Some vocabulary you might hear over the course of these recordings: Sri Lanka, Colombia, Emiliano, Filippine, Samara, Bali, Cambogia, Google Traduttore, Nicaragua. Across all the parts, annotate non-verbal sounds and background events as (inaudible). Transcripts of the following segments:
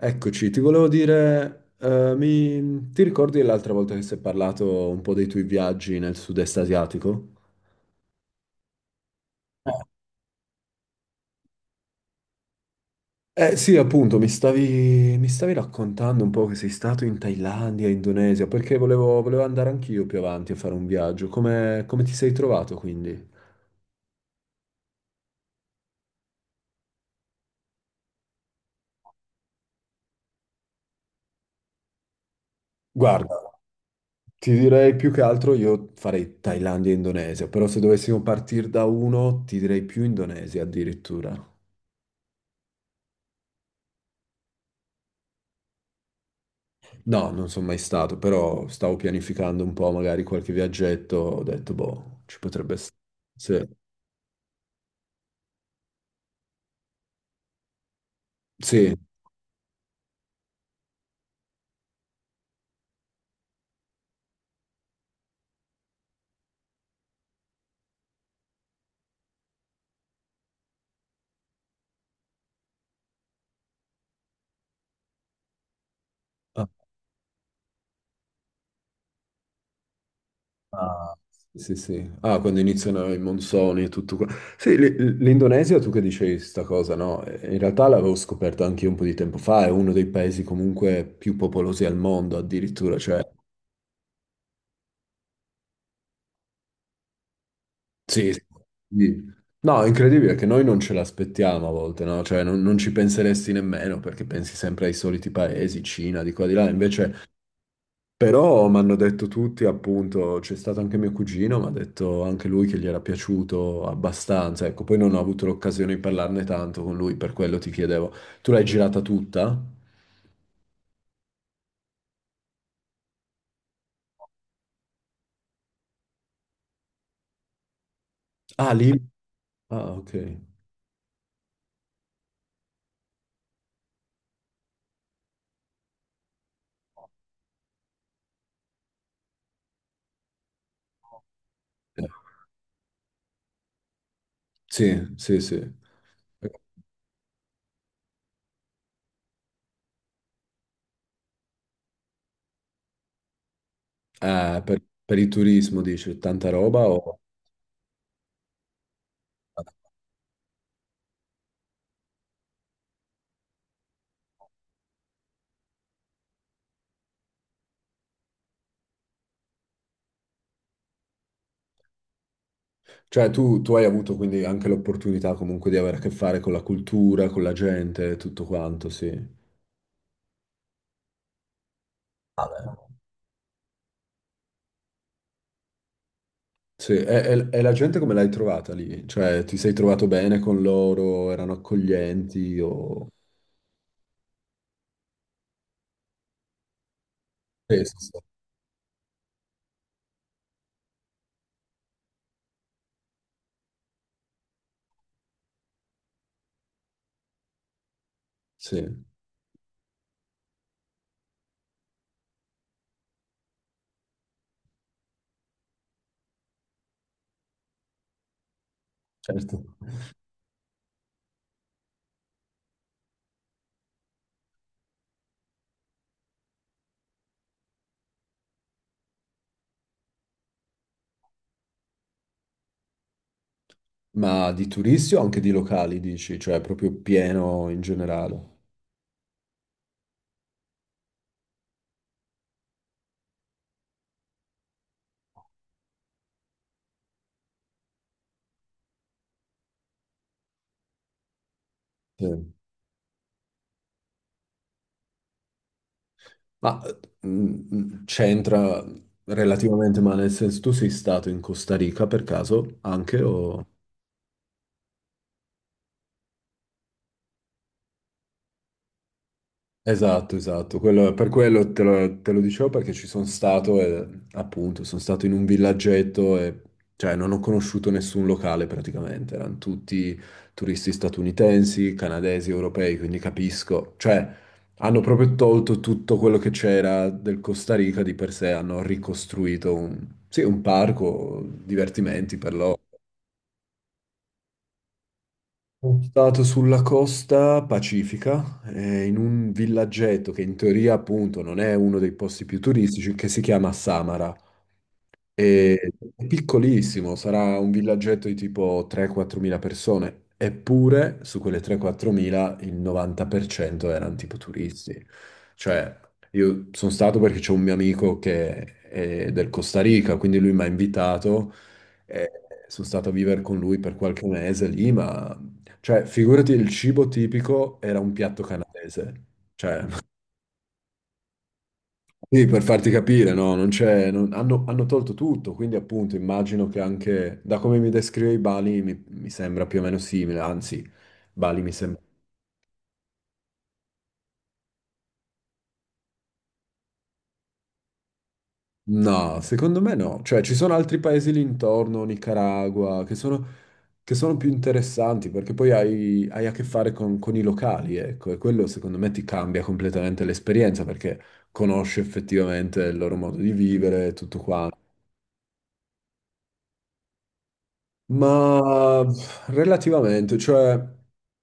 Eccoci, ti volevo dire, ti ricordi l'altra volta che si è parlato un po' dei tuoi viaggi nel sud-est asiatico? Eh sì, appunto, mi stavi raccontando un po' che sei stato in Thailandia, Indonesia, perché volevo andare anch'io più avanti a fare un viaggio. Come ti sei trovato quindi? Guarda, ti direi più che altro io farei Thailandia e Indonesia, però se dovessimo partire da uno, ti direi più Indonesia addirittura. No, non sono mai stato, però stavo pianificando un po' magari qualche viaggetto, ho detto, boh, ci potrebbe essere. Sì, sì. Ah, ah, sì, sì. Ah, quando iniziano i monsoni e tutto qua. Sì, l'Indonesia, tu che dicevi sta cosa, no? In realtà l'avevo scoperto anche io un po' di tempo fa, è uno dei paesi comunque più popolosi al mondo addirittura, cioè. Sì, sì. No, è incredibile che noi non ce l'aspettiamo a volte, no? Cioè non ci penseresti nemmeno perché pensi sempre ai soliti paesi, Cina, di qua di là, invece però mi hanno detto tutti, appunto, c'è stato anche mio cugino, mi ha detto anche lui che gli era piaciuto abbastanza, ecco, poi non ho avuto l'occasione di parlarne tanto con lui, per quello ti chiedevo, tu l'hai girata tutta? Ah, lì? Ah, ok. Sì, sì, sì. Per il turismo dici, tanta roba o... Cioè, tu hai avuto quindi anche l'opportunità comunque di avere a che fare con la cultura, con la gente, tutto quanto, sì. Vabbè. Sì, e la gente come l'hai trovata lì? Cioè, ti sei trovato bene con loro? Erano accoglienti? O... Sì, sì, sì, sì, certo. Ma di turisti o anche di locali, dici? Cioè, proprio pieno in generale? Sì. Ma c'entra relativamente, ma nel senso, tu sei stato in Costa Rica per caso anche o... Esatto, esatto. Quello- per quello te lo dicevo perché ci sono stato e appunto sono stato in un villaggetto e cioè non ho conosciuto nessun locale praticamente, erano tutti turisti statunitensi, canadesi, europei, quindi capisco. Cioè hanno proprio tolto tutto quello che c'era del Costa Rica di per sé, hanno ricostruito un, sì, un parco, divertimenti per loro. Sono stato sulla costa pacifica, in un villaggetto che in teoria appunto non è uno dei posti più turistici, che si chiama Samara. È piccolissimo, sarà un villaggetto di tipo 3-4 mila persone, eppure su quelle 3-4 mila il 90% erano tipo turisti. Cioè, io sono stato perché c'è un mio amico che è del Costa Rica, quindi lui mi ha invitato e sono stato a vivere con lui per qualche mese lì, ma cioè, figurati, il cibo tipico era un piatto canadese. Cioè, sì, per farti capire, no, non c'è, hanno tolto tutto, quindi appunto immagino che anche, da come mi descrivevi Bali, mi sembra più o meno simile, anzi, Bali mi sembra... No, secondo me no, cioè ci sono altri paesi lì intorno, Nicaragua, che sono più interessanti, perché poi hai a che fare con i locali, ecco, e quello secondo me ti cambia completamente l'esperienza, perché conosci effettivamente il loro modo di vivere e tutto quanto. Ma pff, relativamente, cioè,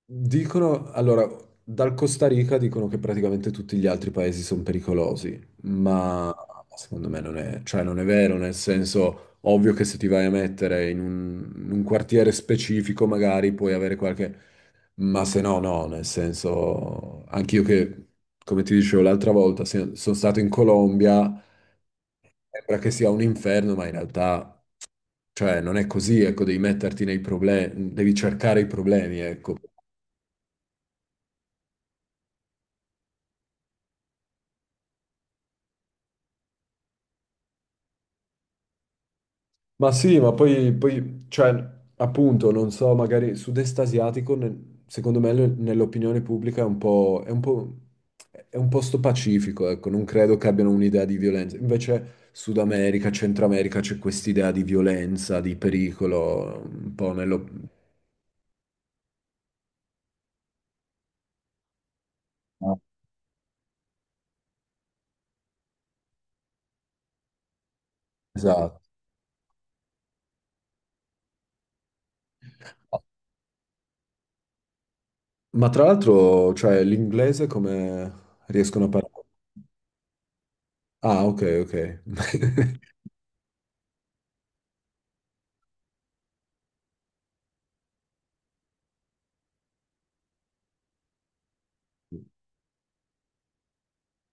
dicono, allora, dal Costa Rica dicono che praticamente tutti gli altri paesi sono pericolosi, ma secondo me non è, cioè, non è vero, nel senso, ovvio che se ti vai a mettere in un, quartiere specifico magari puoi avere qualche, ma se no, no, nel senso, anch'io che, come ti dicevo l'altra volta, sono stato in Colombia, sembra che sia un inferno, ma in realtà... Cioè, non è così, ecco, devi metterti nei problemi, devi cercare i problemi, ecco. Ma sì, ma poi, cioè, appunto, non so, magari sud-est asiatico, secondo me, nell'opinione pubblica è un po', è un posto pacifico, ecco, non credo che abbiano un'idea di violenza. Invece Sud America, Centro America, c'è quest'idea di violenza, di pericolo, un po' nello... No. Esatto. Ma tra l'altro, cioè, l'inglese come riescono a parlare? Ah, ok, ok. (laughs)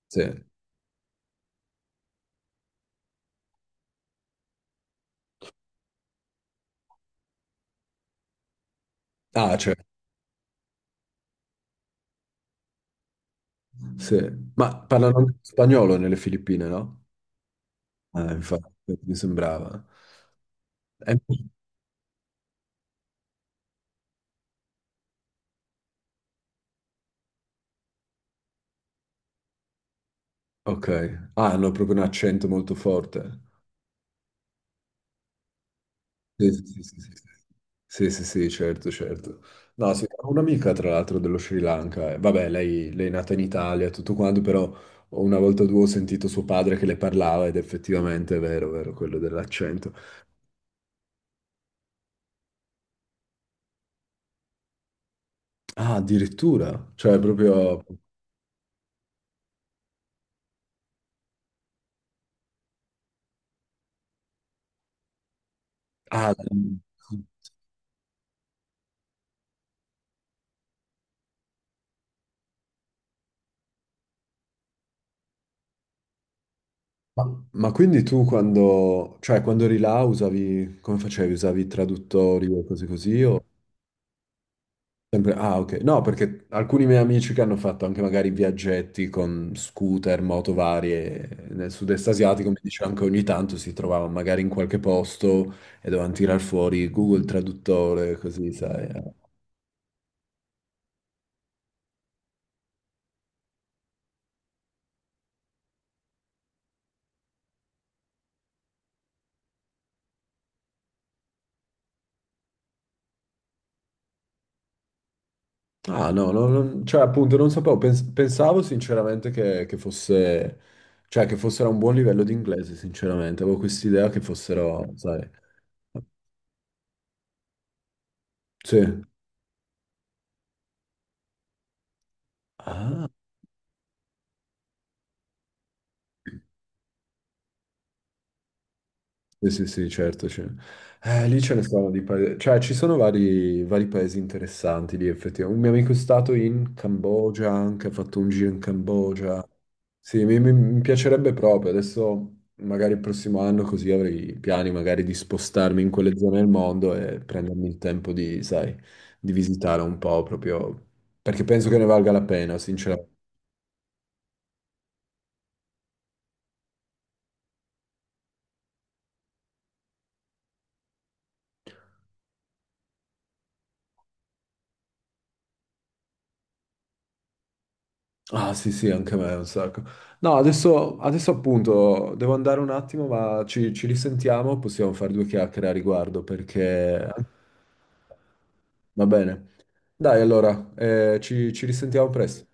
Sì. Ah, cioè, sì. Ma parlano spagnolo nelle Filippine, no? Infatti, mi sembrava. Eh, ok. Ah, hanno proprio un accento molto forte. Sì, sì, sì, sì, sì. Sì, sì, sì, certo, certo. No, sì, ho un'amica, tra l'altro, dello Sri Lanka. Eh, vabbè, lei è nata in Italia, e tutto quanto, però una volta o due ho sentito suo padre che le parlava ed effettivamente è vero, quello dell'accento. Ah, addirittura, cioè proprio... Ah, Ma, ma quindi tu quando, cioè quando eri là usavi, come facevi? Usavi traduttori o cose così? O sempre, ah, ok. No, perché alcuni miei amici che hanno fatto anche magari viaggetti con scooter, moto varie nel sud-est asiatico, mi dicevano che ogni tanto si trovavano magari in qualche posto e dovevano tirar fuori Google Traduttore, così, sai. Eh. Ah, no, no, cioè appunto non sapevo, pensavo sinceramente che fosse, cioè che fossero a un buon livello di inglese, sinceramente, avevo quest'idea che fossero, sai, sì. Ah. Sì, sì, sì, certo. c'è. Lì ce ne sono di paesi, cioè ci sono vari paesi interessanti lì effettivamente. Un mio amico è stato in Cambogia, anche ha fatto un giro in Cambogia. Sì, mi piacerebbe proprio. Adesso magari il prossimo anno così avrei piani magari di spostarmi in quelle zone del mondo e prendermi il tempo di, sai, di visitare un po' proprio, perché penso che ne valga la pena, sinceramente. Ah sì sì, anche a me un sacco. No, adesso appunto devo andare un attimo, ma ci risentiamo, possiamo fare due chiacchiere a riguardo perché va bene. Dai allora, ci risentiamo presto.